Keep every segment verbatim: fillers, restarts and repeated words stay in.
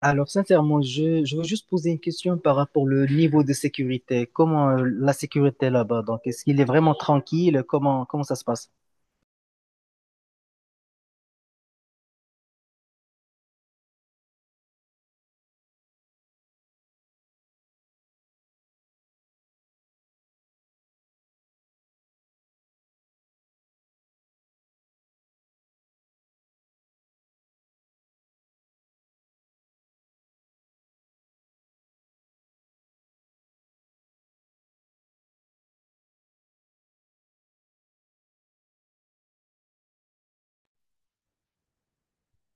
Alors, sincèrement, je, je veux juste poser une question par rapport au niveau de sécurité. Comment euh, la sécurité là-bas? Donc, est-ce qu'il est vraiment tranquille? Comment, comment ça se passe?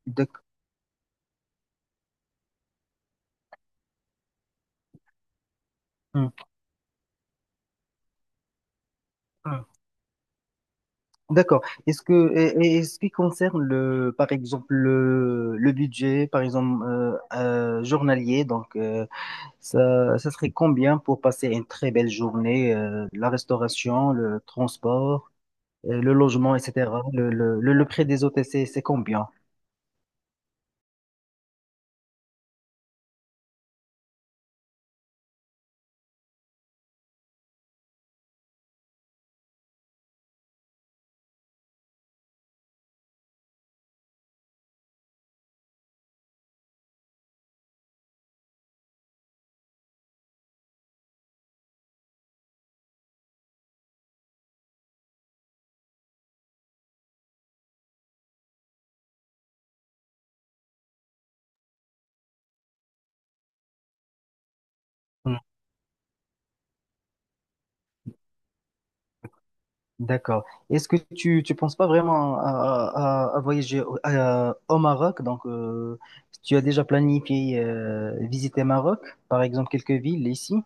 D'ac- Hmm. Hmm. D'accord. Est-ce que, et, et ce qui concerne le, par exemple, le, le budget, par exemple, euh, euh, journalier, donc, euh, ça, ça serait combien pour passer une très belle journée? Euh, la restauration, le transport? Et le logement, et cetera. Le, le, le, le prix des hôtels, c'est c'est combien? Hmm, D'accord. Est-ce que tu tu penses pas vraiment à, à, à- à voyager au à- au Maroc? Donc, euh, tu as déjà planifié euh, visiter Maroc, par exemple quelques villes ici?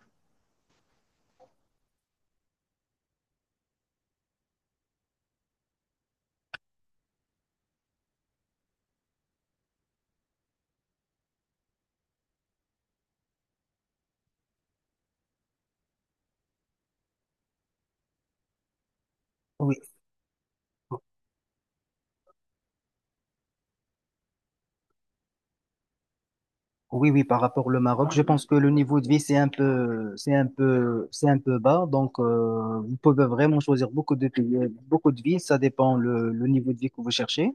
Oui, oui, Par rapport au Maroc, je pense que le niveau de vie, c'est un peu, c'est un peu, c'est un peu bas. Donc, euh, vous pouvez vraiment choisir beaucoup de pays, euh, beaucoup de villes. Ça dépend le, le niveau de vie que vous cherchez.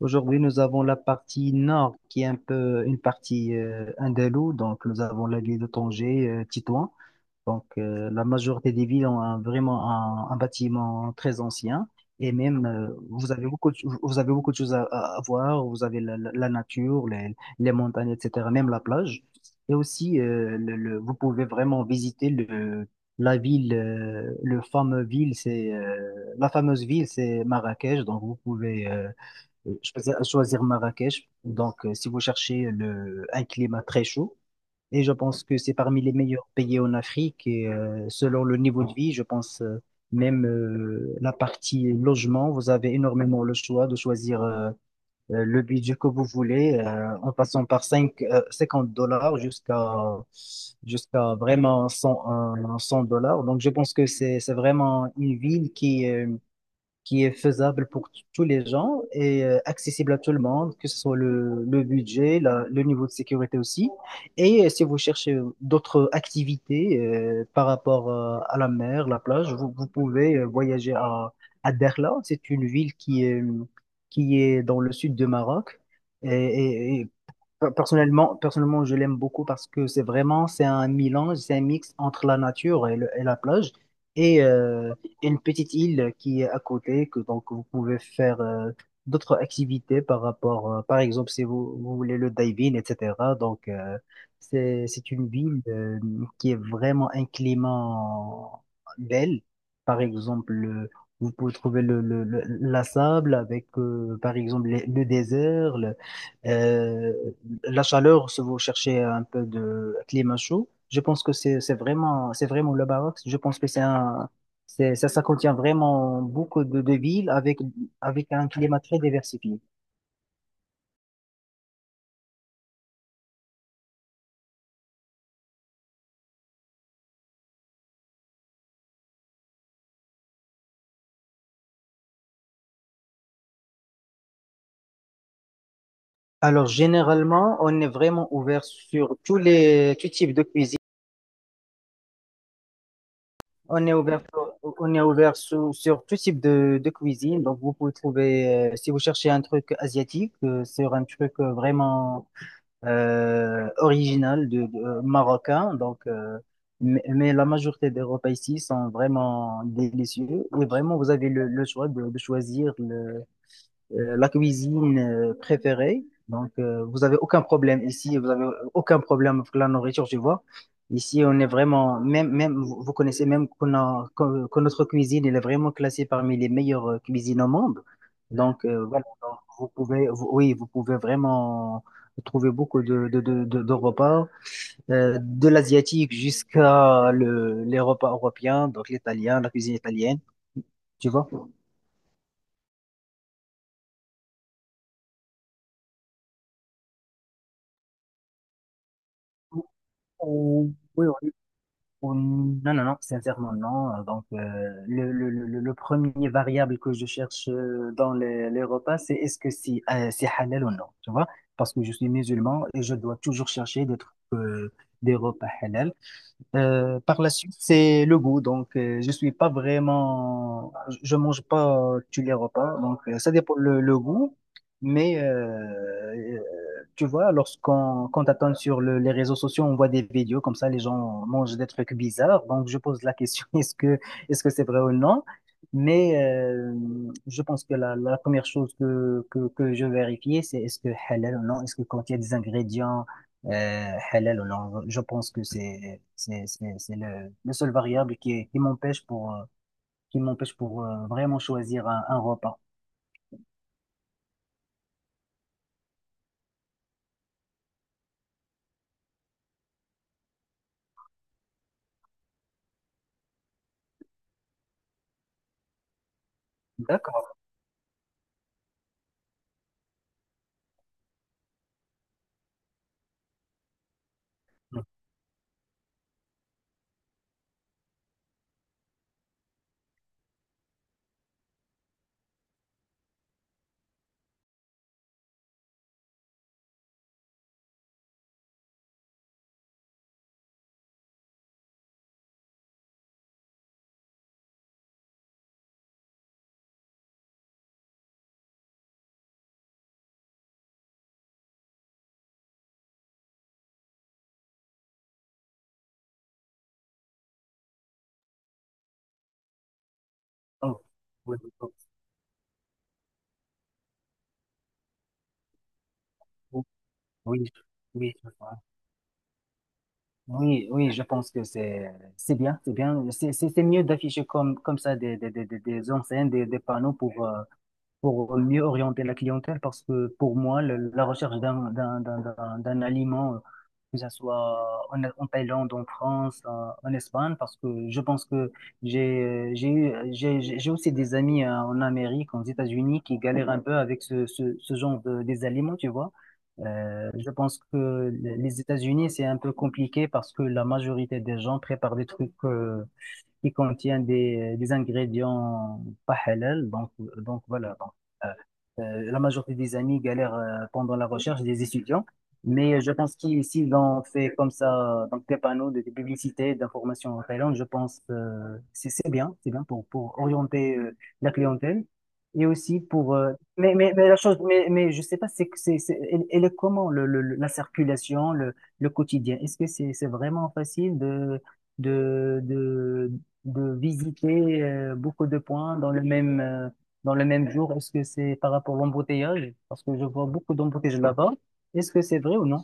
Aujourd'hui, nous avons la partie nord qui est un peu une partie euh, andalouse. Donc, nous avons la ville de Tanger, euh, Tétouan. Donc, euh, la majorité des villes ont un- vraiment un, un bâtiment très ancien. Et même, euh, vous avez beaucoup de, vous avez beaucoup de choses à, à- à voir. Vous avez la, la- la nature, les, les montagnes, et cetera, même la plage. Et aussi, euh, le, le- vous pouvez vraiment visiter le, la ville, euh, le fameux ville, c'est, euh, la fameuse ville, c'est Marrakech. Donc, vous pouvez euh, choisir, choisir Marrakech. Donc, euh, si vous cherchez le, un climat très chaud, et je pense que c'est parmi les meilleurs pays en Afrique. Et euh, selon le niveau de vie, je pense euh, même euh, la partie logement, vous avez énormément le choix de choisir euh, euh, le budget que vous voulez, euh, en passant par cinq, euh, cinquante dollars jusqu'à jusqu'à vraiment cent, euh, cent dollars. Donc je pense que c'est c'est vraiment une ville qui, euh, qui est faisable pour t- tous les gens et euh, accessible à tout le monde, que ce soit le, le budget, la- le niveau de sécurité aussi. Et euh, si vous cherchez euh, d'autres activités euh, par rapport euh, à la mer, la plage, vous, vous pouvez euh, voyager à, à Derla. C'est une ville qui est, qui est dans le sud de Maroc. Et, et- et Pe- Personnellement, personnellement, je l'aime beaucoup parce que c'est vraiment, c'est un mélange, c'est un mix entre la nature et, le- et la plage et euh, une petite île qui est à côté, que donc vous pouvez faire euh, d'autres activités par rapport, euh, par exemple, si vous, vous voulez le diving, et cetera. Donc, euh, c'est, c'est une ville euh, qui est vraiment un climat belle. Par exemple, euh, vous pouvez trouver le, le- le- la sable avec, euh, par exemple, les- le désert, le- euh, la chaleur, si vous cherchez un peu de climat chaud, je pense que c'est c'est vraiment, c'est vraiment le baroque. Je pense que c'est un, c'est, ça, ça contient vraiment beaucoup de, de villes avec, avec un climat très diversifié. Alors, généralement, on est vraiment ouvert sur tous les, tous types de cuisine. On est ouvert, sur- on est ouvert sur, sur tout type de, de cuisine. Donc, vous pouvez trouver, euh, si vous cherchez un truc asiatique, euh, sur un truc euh, vraiment euh, original de, de- euh, marocain. Donc, euh, mais, mais la majorité des repas ici sont vraiment délicieux. Et vraiment, vous avez le, le choix de, de choisir le, euh, la cuisine euh, préférée. Donc, euh, vous avez aucun problème ici, vous avez aucun problème avec la nourriture, tu vois. Ici, on est vraiment, même, même, vous vous connaissez même qu'on a, que, que notre cuisine, elle est vraiment classée parmi les meilleures euh, cuisines au monde. Donc, euh, voilà, donc, vous pouvez, vous- oui, vous pouvez vraiment trouver beaucoup de, de, de, de, de repas, euh, de l'asiatique jusqu'à le, les repas européens, donc l'italien, la cuisine italienne, tu vois. Euh, oui, oui. Hum, Non, non, non, sincèrement, non. Euh, donc, euh, le, le, le, le premier variable que je cherche euh, dans les, les repas, c'est est-ce que si, euh, c'est halal ou non, tu vois? Parce que je suis musulman et je dois toujours chercher des trucs, euh, des repas halal. Euh, par la suite, c'est le goût. Donc, euh, je suis pas vraiment, je je mange pas tous les repas. Donc, euh, ça dépend le, le goût. Mais euh, euh, tu vois, lorsqu'on quand t'attends sur le- les réseaux sociaux, on voit des vidéos comme ça, les gens mangent des trucs bizarres. Donc, je pose la question, est-ce que est-ce que c'est vrai ou non? Mais euh, je pense que la, la première chose que, que, que je vérifiais, c'est est-ce que halal ou non? Est-ce que quand il y a des ingrédients euh, halal ou non. Je pense que c'est c'est c'est c'est le le seul variable qui est- qui m'empêche pour euh, qui m'empêche pour euh, vraiment choisir un, un repas. D'accord. Oh, Oui, oui, oui, oui, je vois. Oui, oui, je pense que c'est c'est bien, c'est bien, c'est c'est c'est mieux d'afficher comme comme ça des des des des des enseignes, des des panneaux pour euh, pour mieux orienter la clientèle parce que pour moi, le- la recherche d'un d'un- d'un- d'un- d'un aliment, euh, que ça soit en, en Thaïlande, en France, en, en Espagne, parce que je pense que j'ai j'ai eu- j'ai j'ai- j'ai aussi des amis euh, en Amérique, aux États-Unis, qui galèrent un peu avec ce, ce, ce genre de, des aliments, tu vois. Euh, je pense que les États-Unis, c'est un peu compliqué parce que la majorité des gens préparent des trucs euh, qui contient des, des ingrédients pas halal. Donc, donc voilà. Donc, euh, euh, la majorité des amis galèrent euh, pendant la recherche des étudiants. Mais je pense qu'ici, on fait comme ça, donc des panneaux de, de publicité, d'information en Thaïlande, je pense euh, c'est c'est bien, c'est bien pour, pour orienter euh, la clientèle. Et aussi pour... euh, mais, mais, mais la chose, mais, mais je sais pas, c'est, c'est, c'est- elle, elle est comment, le, le- le- la circulation, le, le quotidien? Est-ce que c'est c'est vraiment facile de, de, de, de visiter euh, beaucoup de points dans le même, euh, dans le même jour? Est-ce que c'est par rapport à l'embouteillage? Parce que je vois beaucoup d'embouteillages là-bas. Est-ce que c'est vrai ou non?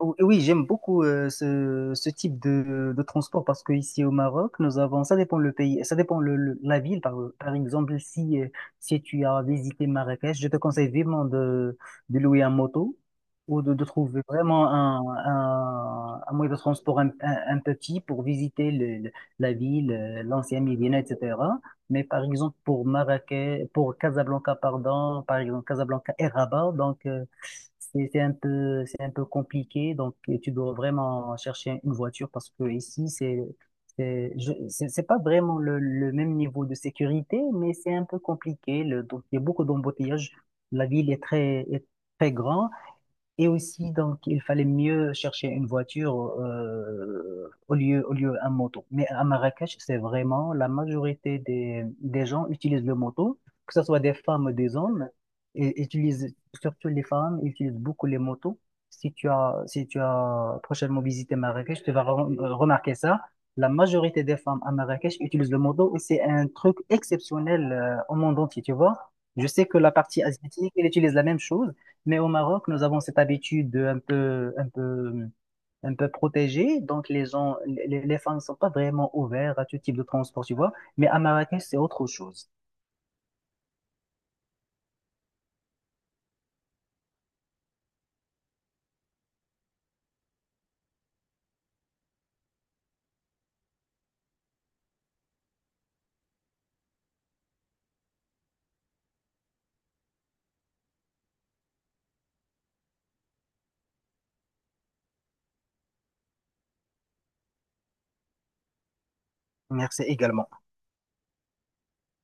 Ou- Oui, j'aime beaucoup euh, ce, ce type de, de transport parce que ici au Maroc, nous avons, ça dépend le pays, ça dépend le, le- la ville. Par, par exemple, si, euh, si tu as visité Marrakech, je te conseille vivement de, de louer un moto ou de, de trouver vraiment un, un, un moyen de transport un, un, un peu petit pour visiter le, le- la ville, euh, l'ancien Médina, et cetera. Mais par exemple, pour Marrakech, pour Casablanca, pardon, par exemple, Casablanca et Rabat, donc, euh, c'est c'est un peu, c'est un peu compliqué. Donc, euh, tu dois vraiment chercher une voiture parce que ici, c'est, c'est, je- c'est c'est pas vraiment le, le même niveau de sécurité, mais c'est un peu compliqué. Le, donc, il y a beaucoup d'embouteillages. La ville est très, est très grande. Et aussi, donc, il fallait mieux chercher une voiture euh, au lieu, au lieu un moto. Mais à Marrakech, c'est vraiment la majorité des, des gens utilisent le moto, que ce soit des femmes ou des hommes, et utilisent, surtout les femmes, utilisent beaucoup les motos. Si tu as, si tu as prochainement visité Marrakech, tu vas re- euh, remarquer ça. La majorité des femmes à Marrakech utilisent le moto et c'est un truc exceptionnel euh, au monde entier, tu vois. Je sais que la partie asiatique, elle utilise la même chose. Mais au Maroc, nous avons cette habitude un peu, un peu, un peu protégée. Donc, les gens, les, les femmes ne sont pas vraiment ouvertes à tout type de transport, tu vois. Mais à Marrakech, c'est autre chose. Merci également.